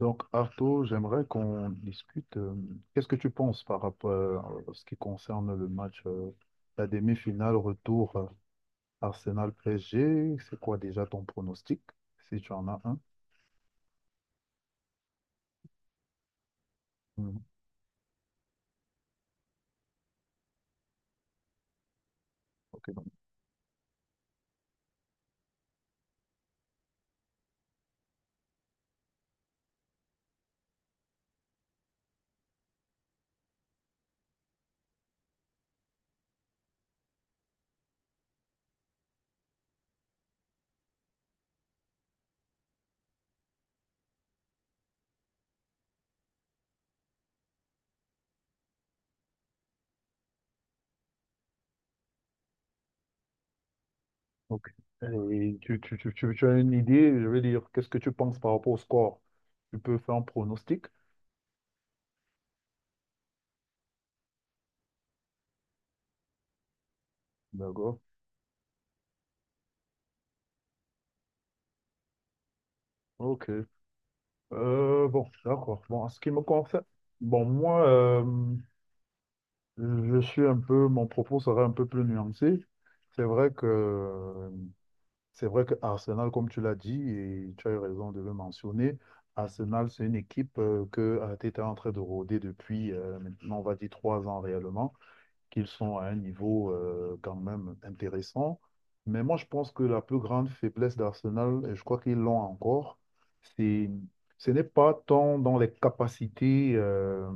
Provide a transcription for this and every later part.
Donc, Arto, j'aimerais qu'on discute. Qu'est-ce que tu penses par rapport à ce qui concerne le match, la demi-finale retour Arsenal-PSG? C'est quoi déjà ton pronostic, si tu en as un? Mhm. Ok, donc, ok. Et tu as une idée, je veux dire, qu'est-ce que tu penses par rapport au score? Tu peux faire un pronostic? D'accord. Ok. Bon, d'accord. Bon, en ce qui me concerne, bon, moi, je suis un peu, mon propos sera un peu plus nuancé. C'est vrai que, c'est vrai que Arsenal, comme tu l'as dit, et tu as eu raison de le mentionner, Arsenal, c'est une équipe que Arteta est en train de rôder depuis maintenant, on va dire, 3 ans réellement, qu'ils sont à un niveau quand même intéressant. Mais moi, je pense que la plus grande faiblesse d'Arsenal, et je crois qu'ils l'ont encore, c'est, ce n'est pas tant dans les capacités.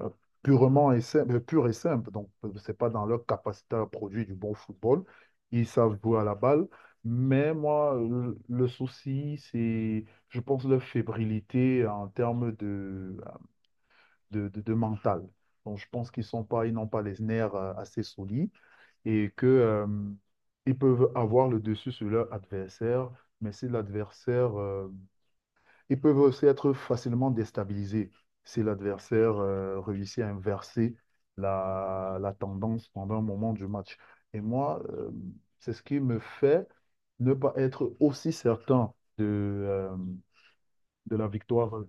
euh, purement et simple, pur et simple. Donc, c'est pas dans leur capacité à produire du bon football. Ils savent jouer à la balle. Mais moi, le souci, c'est, je pense, leur fébrilité en termes de, de mental. Donc, je pense qu'ils sont pas, ils n'ont pas les nerfs assez solides et que, ils peuvent avoir le dessus sur leur adversaire. Mais si l'adversaire, ils peuvent aussi être facilement déstabilisés si l'adversaire réussit à inverser la, la tendance pendant un moment du match. Et moi, c'est ce qui me fait ne pas être aussi certain de la victoire.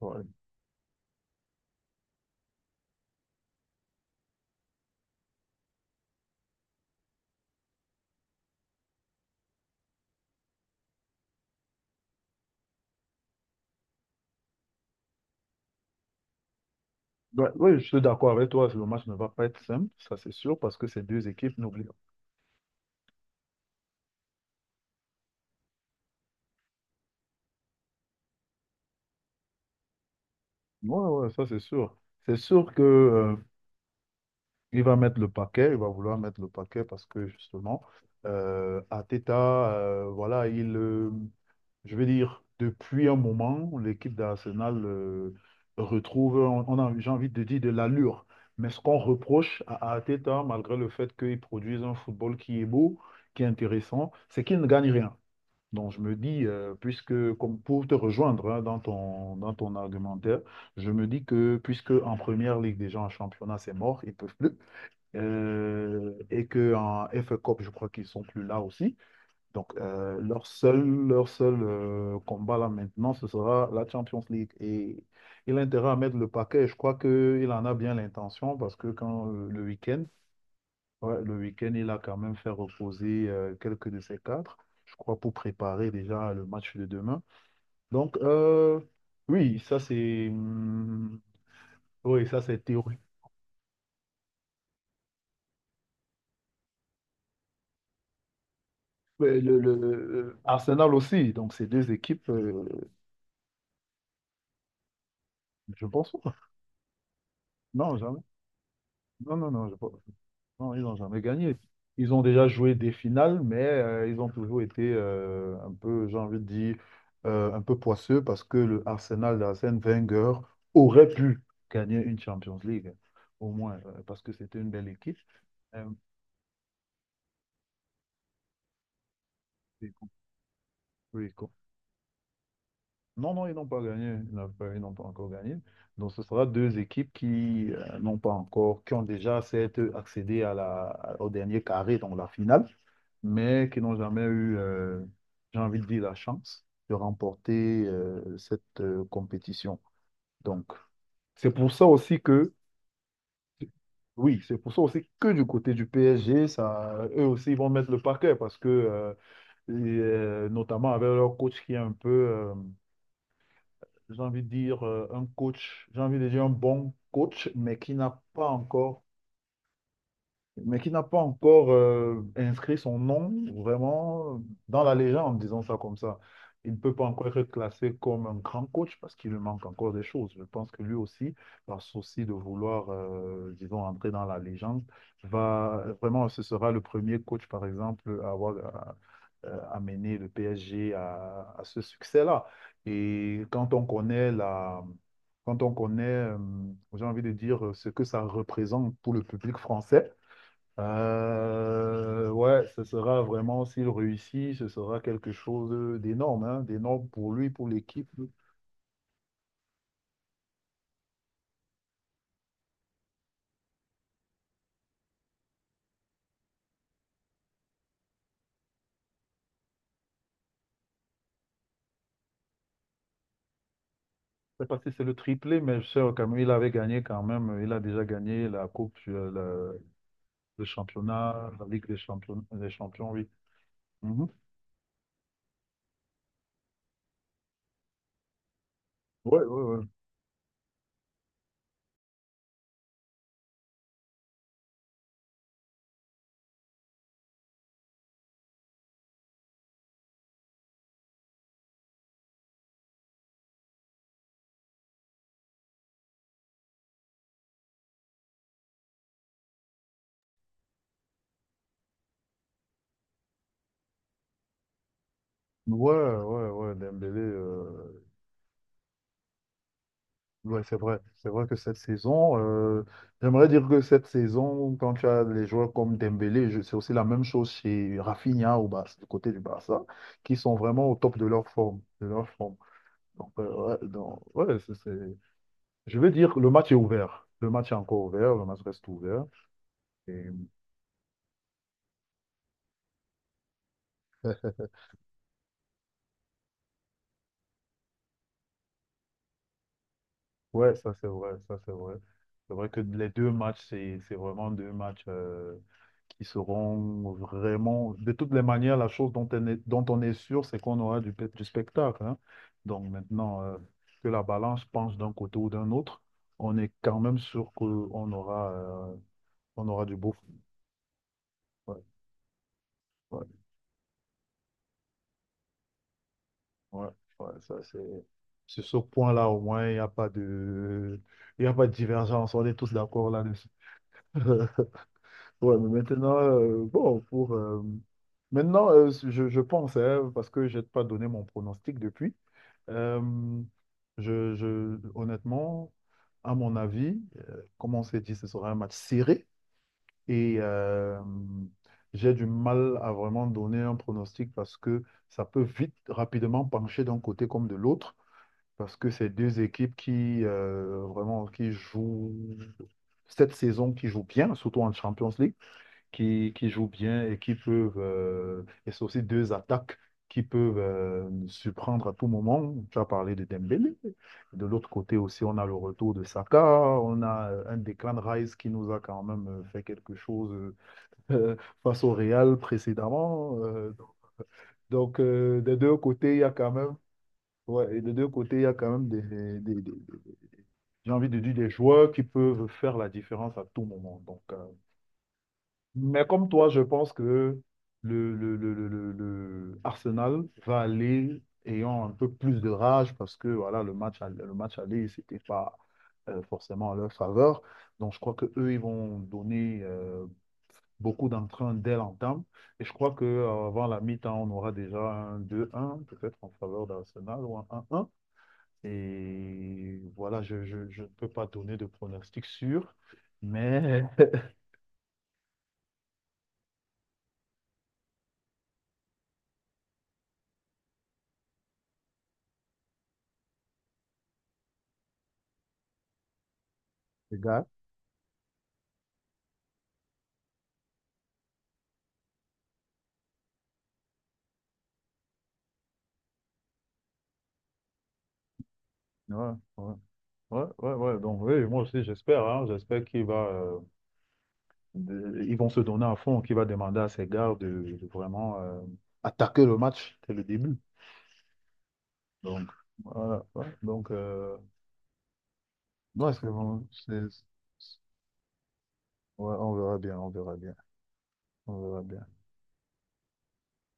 Ouais. Ouais, ouais, je suis d'accord avec toi, le match ne va pas être simple, ça c'est sûr, parce que ces deux équipes n'oublient pas. Ouais, ouais, ça c'est sûr. C'est sûr que il va mettre le paquet, il va vouloir mettre le paquet parce que justement, Arteta, voilà, il, je veux dire, depuis un moment, l'équipe d'Arsenal retrouve, on a, j'ai envie de dire, de l'allure. Mais ce qu'on reproche à Arteta, malgré le fait qu'il produise un football qui est beau, qui est intéressant, c'est qu'il ne gagne rien. Donc je me dis, puisque, comme pour te rejoindre hein, dans ton argumentaire, je me dis que puisque en première ligue, déjà en championnat, c'est mort, ils peuvent plus. Et que en F FA Cup, je crois qu'ils sont plus là aussi. Donc, leur seul combat là maintenant, ce sera la Champions League. Et il a intérêt à mettre le paquet. Je crois qu'il en a bien l'intention parce que quand le week-end, ouais, le week-end, il a quand même fait reposer quelques de ses cadres, je crois, pour préparer déjà le match de demain. Donc, oui, ça c'est, hum, oui, ça c'est théorique. Ouais, Arsenal aussi, donc ces deux équipes. Je pense pas. Non, jamais. Non, non, non, je pense- non, ils n'ont jamais gagné. Ils ont déjà joué des finales, mais ils ont toujours été un peu, j'ai envie de dire, un peu poisseux parce que le Arsenal d'Arsène Wenger aurait pu gagner une Champions League, au moins, parce que c'était une belle équipe. Euh, et qu'on et qu'on- non, non, ils n'ont pas gagné. Ils n'ont pas encore gagné. Donc, ce sera deux équipes qui n'ont pas encore, qui ont déjà certes accédé à la, au dernier carré, donc la finale, mais qui n'ont jamais eu, j'ai envie de dire, la chance de remporter cette compétition. Donc, c'est pour ça aussi que, oui, c'est pour ça aussi que du côté du PSG, ça, eux aussi, ils vont mettre le paquet parce que, et, notamment avec leur coach qui est un peu, j'ai envie de dire, un coach, j'ai envie de dire un bon coach, mais qui n'a pas encore inscrit son nom vraiment dans la légende, disons ça comme ça. Il ne peut pas encore être classé comme un grand coach parce qu'il lui manque encore des choses. Je pense que lui aussi, par souci de vouloir, disons, entrer dans la légende, va vraiment, ce sera le premier coach, par exemple, à avoir à- amené le PSG à ce succès-là. Et quand on connaît, j'ai envie de dire, ce que ça représente pour le public français, ouais, ce sera vraiment, s'il réussit, ce sera quelque chose d'énorme, hein, d'énorme pour lui, pour l'équipe. Je ne sais pas si c'est le triplé, mais je sais quand même, il avait gagné quand même, il a déjà gagné la Coupe, la- le championnat, la Ligue des champions, oui. Mhm. Ouais, ouais, ouais. Ouais, ouais, ouais, Dembélé, ouais, c'est vrai. C'est vrai que cette saison, j'aimerais dire que cette saison, quand tu as les joueurs comme Dembélé, je- c'est aussi la même chose chez Rafinha au Barça, du côté du Barça, qui sont vraiment au top de leur forme, de leur forme. Donc, ouais, donc, ouais, c'est- je vais dire que le match est ouvert. Le match est encore ouvert, le match reste ouvert. Et ouais, ça c'est vrai, ça c'est vrai. C'est vrai que les deux matchs, c'est vraiment deux matchs. Qui seront vraiment... De toutes les manières, la chose dont on est, dont on est sûr, c'est qu'on aura du, pe- du spectacle. Hein. Donc maintenant, que la balance penche d'un côté ou d'un autre, on est quand même sûr qu'on aura, on aura du beau. Ouais, ouais, ouais, ouais, ça, c'est... Sur ce point-là, au moins, il n'y a pas de... il y a pas de divergence. On est tous d'accord là-dessus. Ouais, mais maintenant, bon, pour... maintenant, je pense, hein, parce que je n'ai pas donné mon pronostic depuis. Euh, je- honnêtement, à mon avis, comme on s'est dit, ce sera un match serré et j'ai du mal à vraiment donner un pronostic parce que ça peut vite, rapidement pencher d'un côté comme de l'autre parce que c'est deux équipes qui vraiment qui jouent cette saison qui jouent bien, surtout en Champions League qui jouent bien et qui peuvent, et c'est aussi deux attaques qui peuvent surprendre à tout moment. Tu as parlé de Dembélé. De l'autre côté aussi, on a le retour de Saka, on a un déclin de Rice qui nous a quand même fait quelque chose euh, face au Real précédemment. Donc, des deux côtés, il y a quand même, ouais, et des deux côtés, il y a quand même j'ai envie de dire des joueurs qui peuvent faire la différence à tout moment. Donc, mais comme toi, je pense que le Arsenal va aller ayant un peu plus de rage parce que voilà, le match, all- le match aller, c'était pas forcément en leur faveur. Donc je crois que eux, ils vont donner beaucoup d'entrain dès l'entame. Et je crois que avant la mi-temps, on aura déjà 2-1 peut-être en faveur d'Arsenal ou un 1. Et voilà, je ne peux pas donner de pronostic sûr, mais les gars, ouais, ouais. Ouais, ouais, ouais. Donc, oui, moi aussi, j'espère, hein, j'espère qu'il va, de- ils vont se donner à fond, qu'il va demander à ses gars de vraiment attaquer le match dès le début. Donc, voilà. Ouais. Donc, ouais, c'est bon. C'est- ouais, on verra bien, on verra bien, on verra bien.